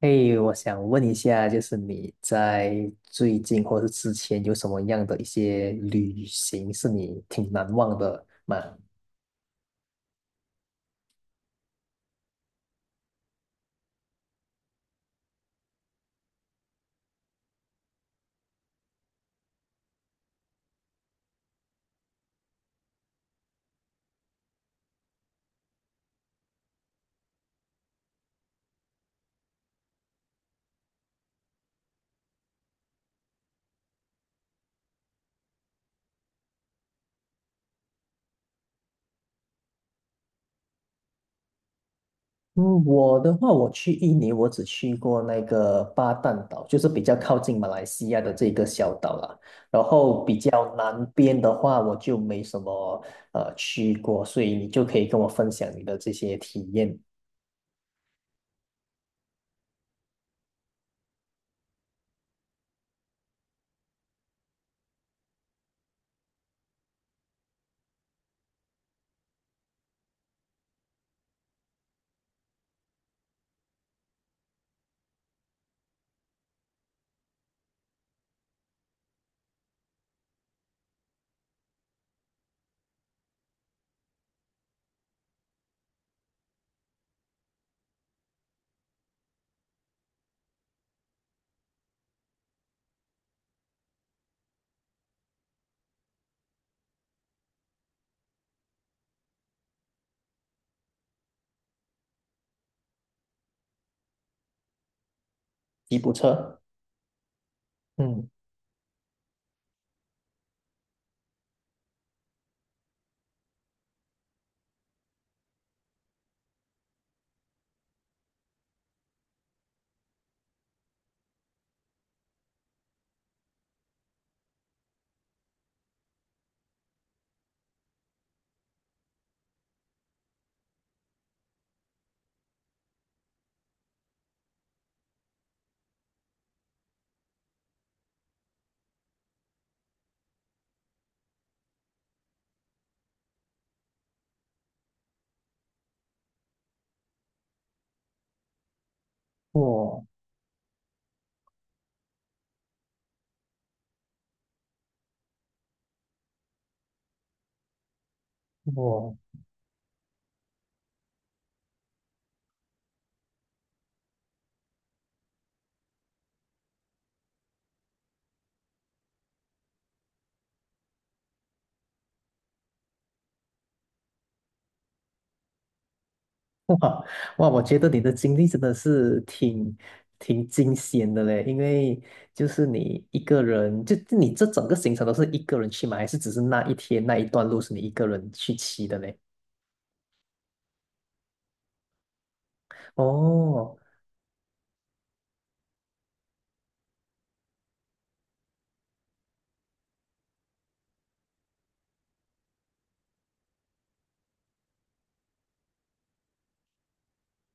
嘿，我想问一下，就是你在最近或是之前有什么样的一些旅行是你挺难忘的吗？嗯，我的话，我去印尼，我只去过那个巴淡岛，就是比较靠近马来西亚的这个小岛啦。然后比较南边的话，我就没什么去过，所以你就可以跟我分享你的这些体验。吉普车，嗯，我我。哇哇，我觉得你的经历真的是挺惊险的嘞，因为就是你一个人，就你这整个行程都是一个人去吗？还是只是那一天那一段路是你一个人去骑的嘞？哦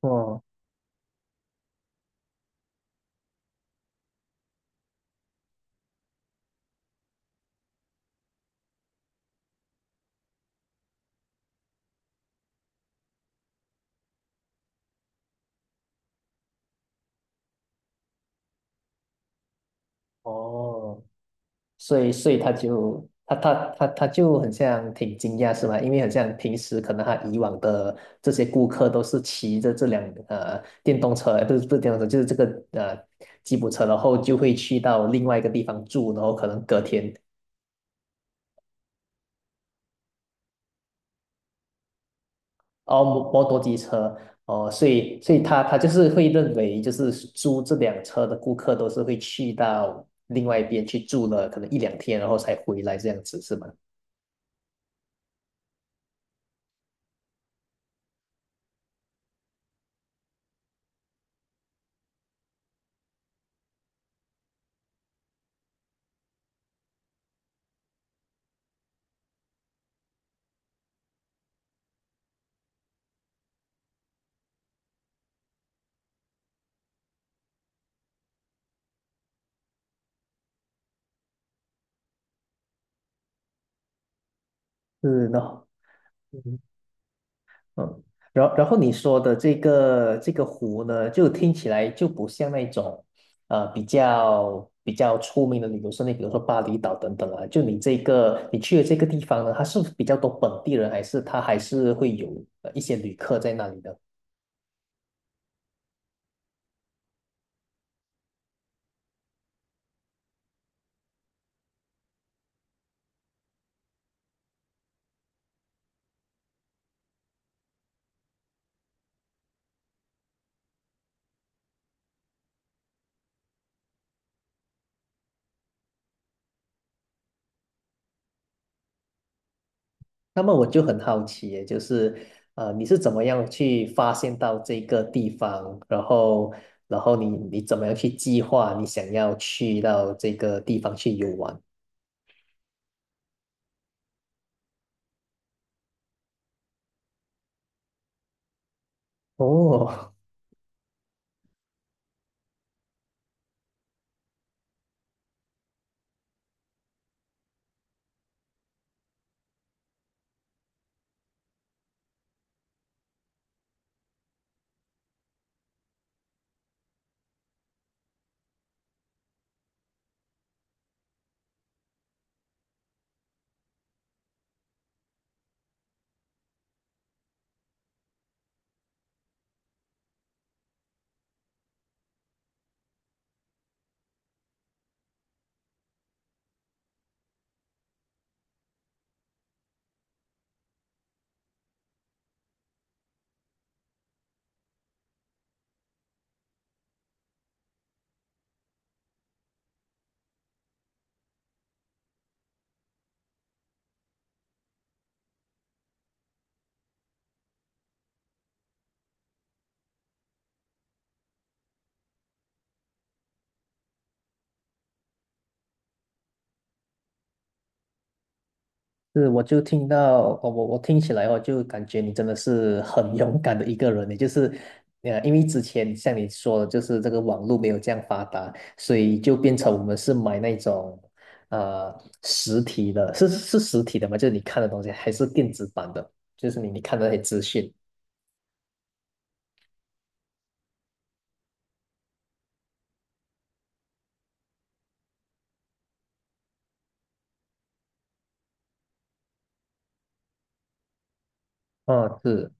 哦哦，所以他就他就很像挺惊讶是吗？因为很像平时可能他以往的这些顾客都是骑着这辆电动车，不是不是电动车，就是这个吉普车，然后就会去到另外一个地方住，然后可能隔天哦摩托机车。哦，所以他就是会认为，就是租这辆车的顾客都是会去到另外一边去住了，可能一两天，然后才回来这样子，是吗？是的。嗯嗯，然后你说的这个这个湖呢，就听起来就不像那种，呃，比较出名的旅游胜地，比如说巴厘岛等等啊。就你这个你去的这个地方呢，它是比较多本地人，还是它还是会有一些旅客在那里的？那么我就很好奇耶就是，呃，你是怎么样去发现到这个地方，然后然后你你怎么样去计划你想要去到这个地方去游玩？哦，是，我就听到，我听起来哦，就感觉你真的是很 勇敢的一个人欸，也就是，呃，因为之前像你说的，就是这个网络没有这样发达，所以就变成我们是买那种，呃，实体的，是是实体的嘛，就是你看的东西，还是电子版的，就是你你看的那些资讯。哦，是，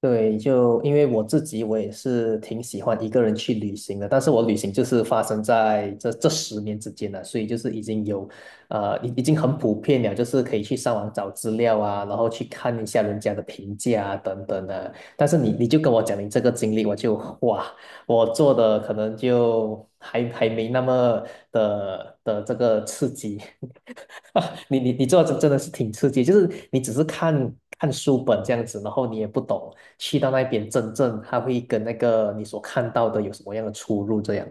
对，就因为我自己，我也是挺喜欢一个人去旅行的，但是我旅行就是发生在这这十年之间了，所以就是已经有，呃，已经很普遍了，就是可以去上网找资料啊，然后去看一下人家的评价啊，等等的。但是你你就跟我讲你这个经历，我就哇，我做的可能就还没那么的的这个刺激，啊，你你你做的真的是挺刺激，就是你只是看书本这样子，然后你也不懂去到那边真正它会跟那个你所看到的有什么样的出入这样。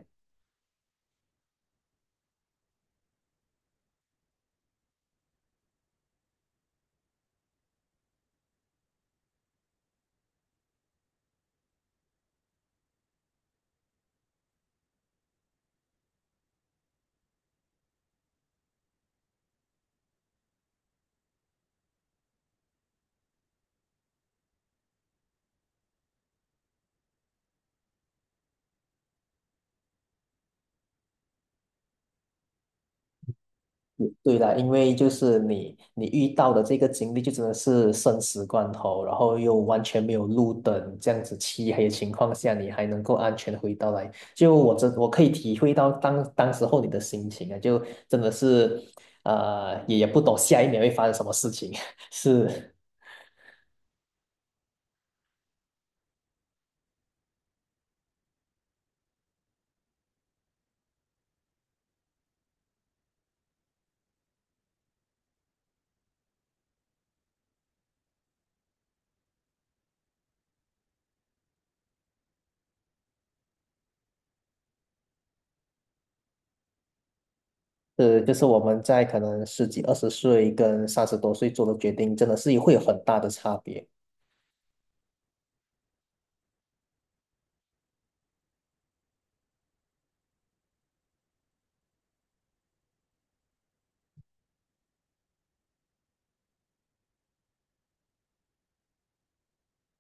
嗯对啦，因为就是你你遇到的这个经历就真的是生死关头，然后又完全没有路灯，这样子漆黑的情况下，你还能够安全地回到来，就我真我可以体会到当时候你的心情啊，就真的是也也不懂下一秒会发生什么事情，是。是，就是我们在可能十几、二十岁跟三十多岁做的决定，真的是会有很大的差别。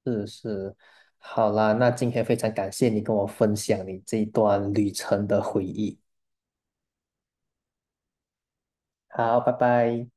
是是，好啦，那今天非常感谢你跟我分享你这一段旅程的回忆。好，拜拜。